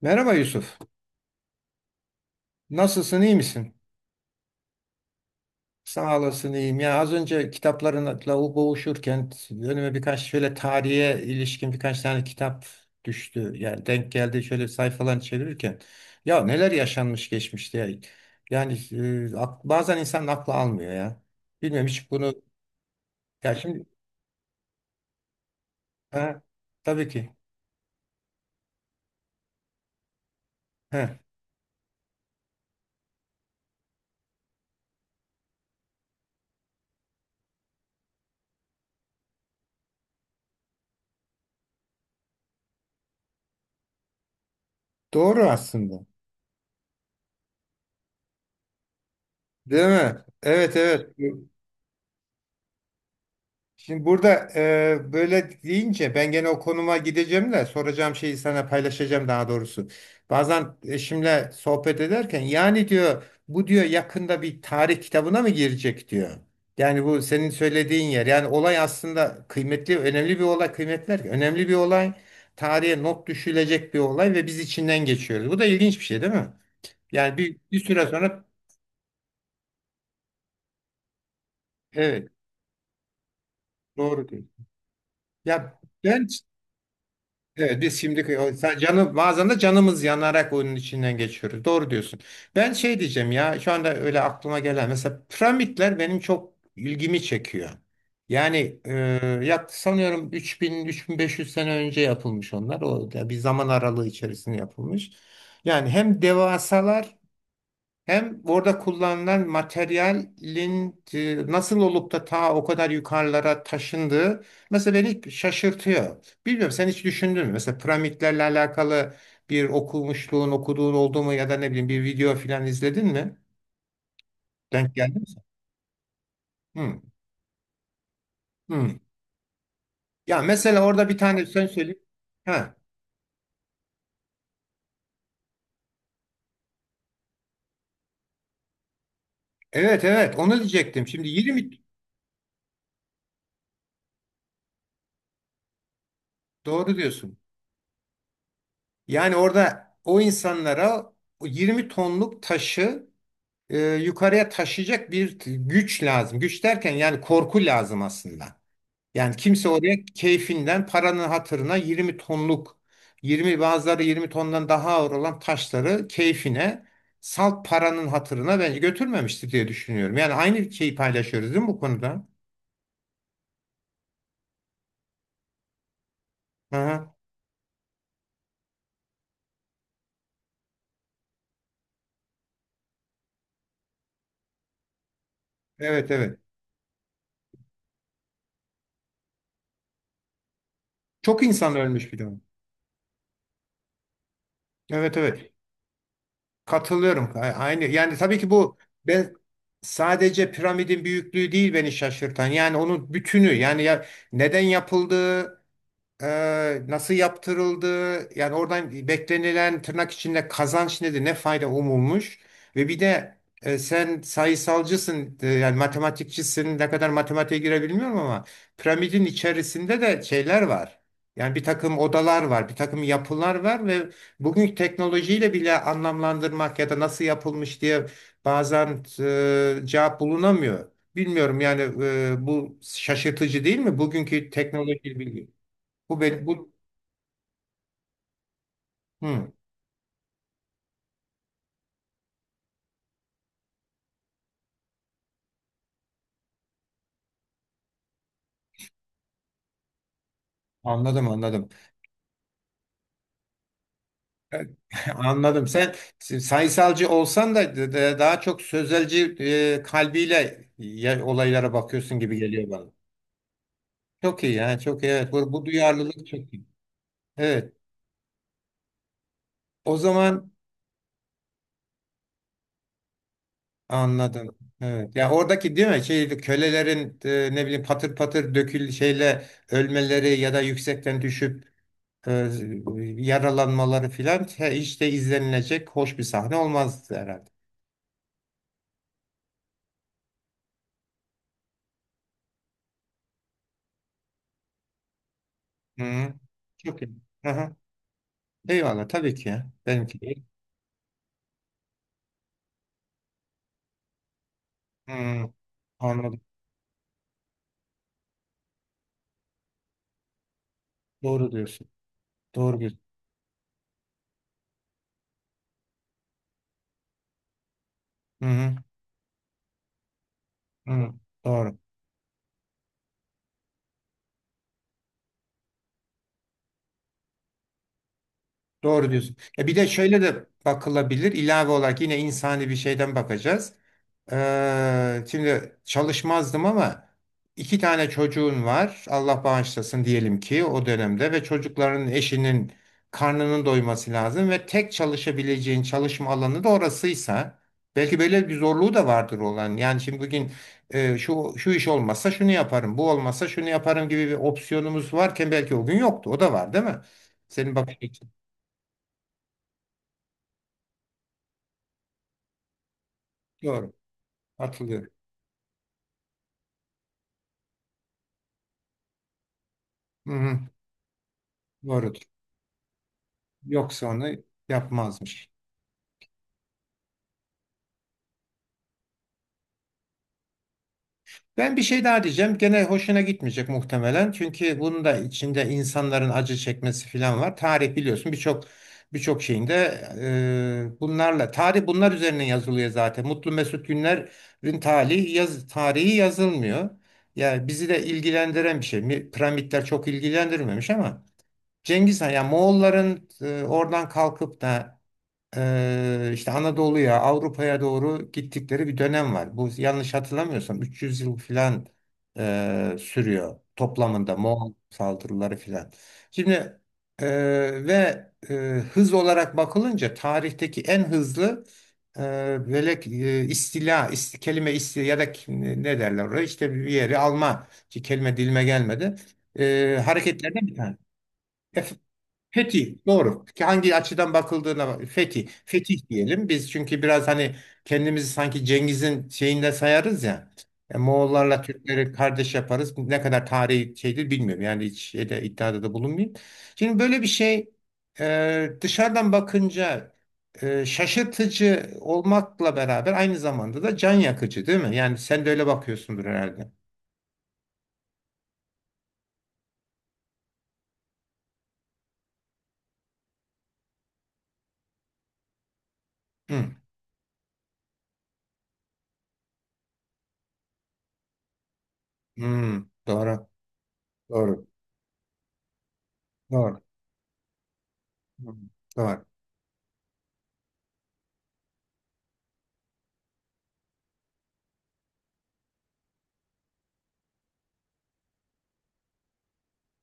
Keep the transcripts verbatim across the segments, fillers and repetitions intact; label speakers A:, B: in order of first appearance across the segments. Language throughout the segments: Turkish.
A: Merhaba Yusuf. Nasılsın, iyi misin? Sağ olasın, iyiyim. Ya az önce kitaplarınla boğuşurken önüme birkaç şöyle tarihe ilişkin birkaç tane kitap düştü. Yani denk geldi şöyle sayfalarını çevirirken. Ya neler yaşanmış geçmişte ya. Yani e, ak- bazen insan aklı almıyor ya. Bilmiyorum hiç bunu. Ya şimdi. Ha, tabii ki. Ha, doğru aslında. Değil mi? Evet, evet. Şimdi burada e, böyle deyince ben gene o konuma gideceğim de soracağım şeyi sana paylaşacağım daha doğrusu. Bazen eşimle sohbet ederken yani diyor bu diyor yakında bir tarih kitabına mı girecek diyor. Yani bu senin söylediğin yer. Yani olay aslında kıymetli, önemli bir olay, kıymetler önemli bir olay. Tarihe not düşülecek bir olay ve biz içinden geçiyoruz. Bu da ilginç bir şey değil mi? Yani bir, bir süre sonra, evet, doğru diyor. Ya ben. Evet, biz şimdi o- sen- canı bazen de canımız yanarak oyunun içinden geçiyoruz. Doğru diyorsun. Ben şey diyeceğim ya şu anda öyle aklıma gelen mesela piramitler benim çok ilgimi çekiyor. Yani e, yak- sanıyorum üç bin üç bin beş yüz sene önce yapılmış onlar. O da bir zaman aralığı içerisinde yapılmış. Yani hem devasalar hem orada kullanılan materyalin e, nasıl olup da ta o kadar yukarılara taşındığı mesela beni şaşırtıyor. Bilmiyorum sen hiç düşündün mü? Mesela piramitlerle alakalı bir okumuşluğun, okuduğun oldu mu ya da ne bileyim bir video falan izledin mi? Denk geldi mi sen? Hmm, hmm. Ya mesela orada bir tane sen söyle. Ha, evet, evet onu diyecektim. Şimdi yirmi. Doğru diyorsun. Yani orada o insanlara o yirmi tonluk taşı e, yukarıya taşıyacak bir t- güç lazım. Güç derken yani korku lazım aslında. Yani kimse oraya keyfinden paranın hatırına yirmi tonluk yirmi bazıları yirmi tondan daha ağır olan taşları keyfine salt paranın hatırına bence götürmemiştir diye düşünüyorum. Yani aynı şeyi paylaşıyoruz değil mi bu konuda? Aha, evet, evet. Çok insan ölmüş bir de. Evet, evet. Katılıyorum. A- Aynı yani tabii ki bu ben sadece piramidin büyüklüğü değil beni şaşırtan. Yani onun bütünü yani ya neden yapıldığı, ee, nasıl yaptırıldı? Yani oradan beklenilen tırnak içinde kazanç nedir? Ne fayda umulmuş? Ve bir de e, sen sayısalcısın, e, yani matematikçisin. Ne kadar matematiğe girebilmiyorum ama piramidin içerisinde de şeyler var. Yani bir takım odalar var, bir takım yapılar var ve bugünkü teknolojiyle bile anlamlandırmak ya da nasıl yapılmış diye bazen e, cevap bulunamıyor. Bilmiyorum yani e, bu şaşırtıcı değil mi? Bugünkü teknoloji bilgi. Bu benim bu. Hı, anladım, anladım. Anladım. Sen sayısalcı olsan da d- d- daha çok sözelci e, kalbiyle ya- olaylara bakıyorsun gibi geliyor bana. Çok iyi yani çok iyi. Evet, bu, bu duyarlılık çok iyi. Evet. O zaman anladım. Evet. Ya oradaki değil mi? Şey kölelerin e, ne bileyim patır patır dökül şeyle ölmeleri ya da yüksekten düşüp e, yaralanmaları filan he, hiç de izlenilecek hoş bir sahne olmazdı herhalde. Hı, çok iyi. Aha. Eyvallah tabii ki ya. Benimki değil. Hı, anladım. Doğru diyorsun. Doğru bir. Hı, hı, hı, doğru. Doğru diyorsun. Ya bir de şöyle de bakılabilir. İlave olarak yine insani bir şeyden bakacağız. Ee, şimdi çalışmazdım ama iki tane çocuğun var. Allah bağışlasın diyelim ki o dönemde ve çocukların eşinin karnının doyması lazım ve tek çalışabileceğin çalışma alanı da orasıysa belki böyle bir zorluğu da vardır olan. Yani şimdi bugün e, şu şu iş olmazsa şunu yaparım, bu olmazsa şunu yaparım gibi bir opsiyonumuz varken belki o gün yoktu. O da var, değil mi? Senin bakış. Doğru. Hatırlıyorum. Hı hı. Doğrudur. Yoksa onu yapmazmış. Ben bir şey daha diyeceğim. Gene hoşuna gitmeyecek muhtemelen. Çünkü bunun da içinde insanların acı çekmesi falan var. Tarih biliyorsun birçok birçok şeyinde e, bunlarla tarih bunlar üzerine yazılıyor zaten. Mutlu Mesut Günler'in tarihi yaz, tarihi yazılmıyor. Yani bizi de ilgilendiren bir şey. Mi- Piramitler çok ilgilendirmemiş ama Cengiz Han yani Moğolların e, oradan kalkıp da eee, işte Anadolu'ya, Avrupa'ya doğru gittikleri bir dönem var. Bu yanlış hatırlamıyorsam üç yüz yıl filan eee, sürüyor toplamında Moğol saldırıları filan. Şimdi eee, ve eee, hız olarak bakılınca tarihteki en hızlı eee velek eee, istila, ist- kelime istila ya da kim- ne derler oraya işte bir yeri alma ki kelime dilime gelmedi. Eee hareketlerden bir tane. Fetih doğru. Ki hangi açıdan bakıldığına bak- fetih. Fetih diyelim. Biz çünkü biraz hani kendimizi sanki Cengiz'in şeyinde sayarız ya. E, Moğollarla Türkleri kardeş yaparız. Ne kadar tarihi şeydir bilmiyorum. Yani hiç şeyde, iddiada da bulunmayayım. Şimdi böyle bir şey e, dışarıdan bakınca e, şaşırtıcı olmakla beraber aynı zamanda da can yakıcı değil mi? Yani sen de öyle bakıyorsundur herhalde. Hı. Hı. Doğru. Doğru. Doğru. Hı. Doğru.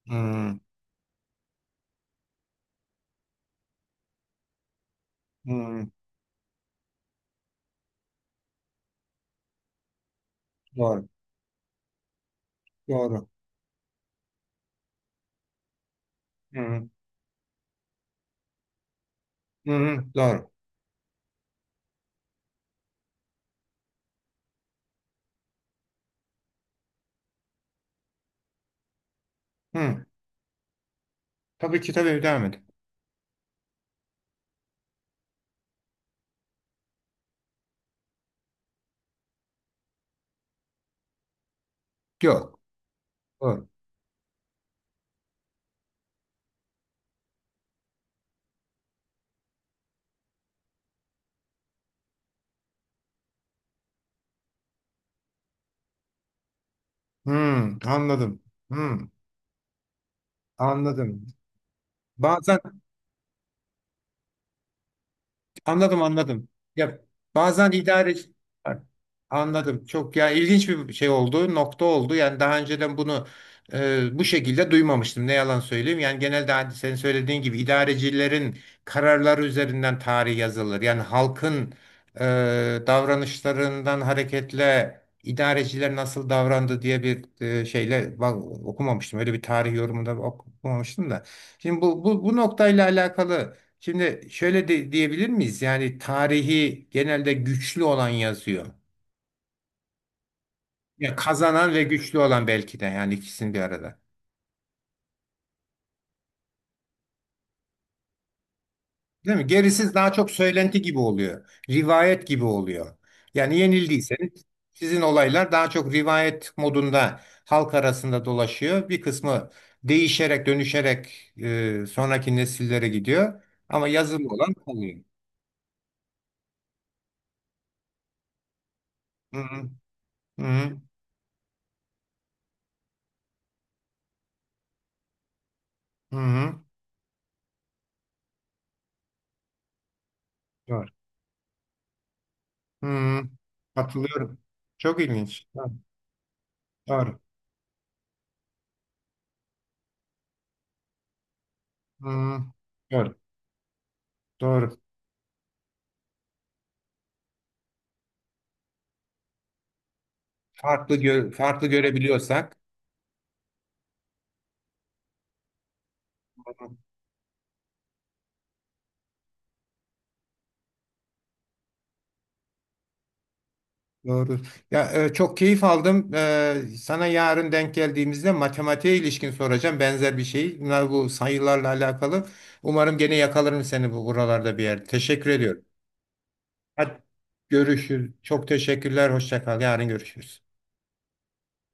A: Hı. Hı. Doğru. Doğru. Hı hı. Hı hı. Doğru. Hı. Tabii ki, tabii devam et. Yok. Doğru. Hı. Anladım. Hı. Anladım. Bazen, anladım, anladım. Ya bazen idare. Anladım. Çok ya ilginç bir şey oldu, nokta oldu. Yani daha önceden bunu e, bu şekilde duymamıştım. Ne yalan söyleyeyim. Yani genelde hani senin söylediğin gibi idarecilerin kararları üzerinden tarih yazılır. Yani halkın e, davranışlarından hareketle idareciler nasıl davrandı diye bir e, şeyle bak, okumamıştım. Öyle bir tarih yorumunda ok- okumamıştım da. Şimdi bu bu, bu noktayla alakalı. Şimdi şöyle de, diyebilir miyiz? Yani tarihi genelde güçlü olan yazıyor. Ya kazanan ve güçlü olan belki de yani ikisini bir arada. Değil mi? Gerisi daha çok söylenti gibi oluyor. Rivayet gibi oluyor. Yani yenildiyseniz sizin olaylar daha çok rivayet modunda halk arasında dolaşıyor. Bir kısmı değişerek, dönüşerek e, sonraki nesillere gidiyor. Ama yazılı olan kalıyor. Hı hı. Hı hı. Hı hı. Doğru. Hı hı. Katılıyorum. Çok ilginç. Doğru. Doğru. Hı hı. Doğru. Doğru. Farklı gö- farklı görebiliyorsak. Doğru. Ya e, çok keyif aldım. E, sana yarın denk geldiğimizde matematiğe ilişkin soracağım benzer bir şey. Bunlar bu sayılarla alakalı. Umarım gene yakalarım seni bu buralarda bir yerde. Teşekkür ediyorum. Hadi görüşürüz. Çok teşekkürler. Hoşça kal. Yarın görüşürüz.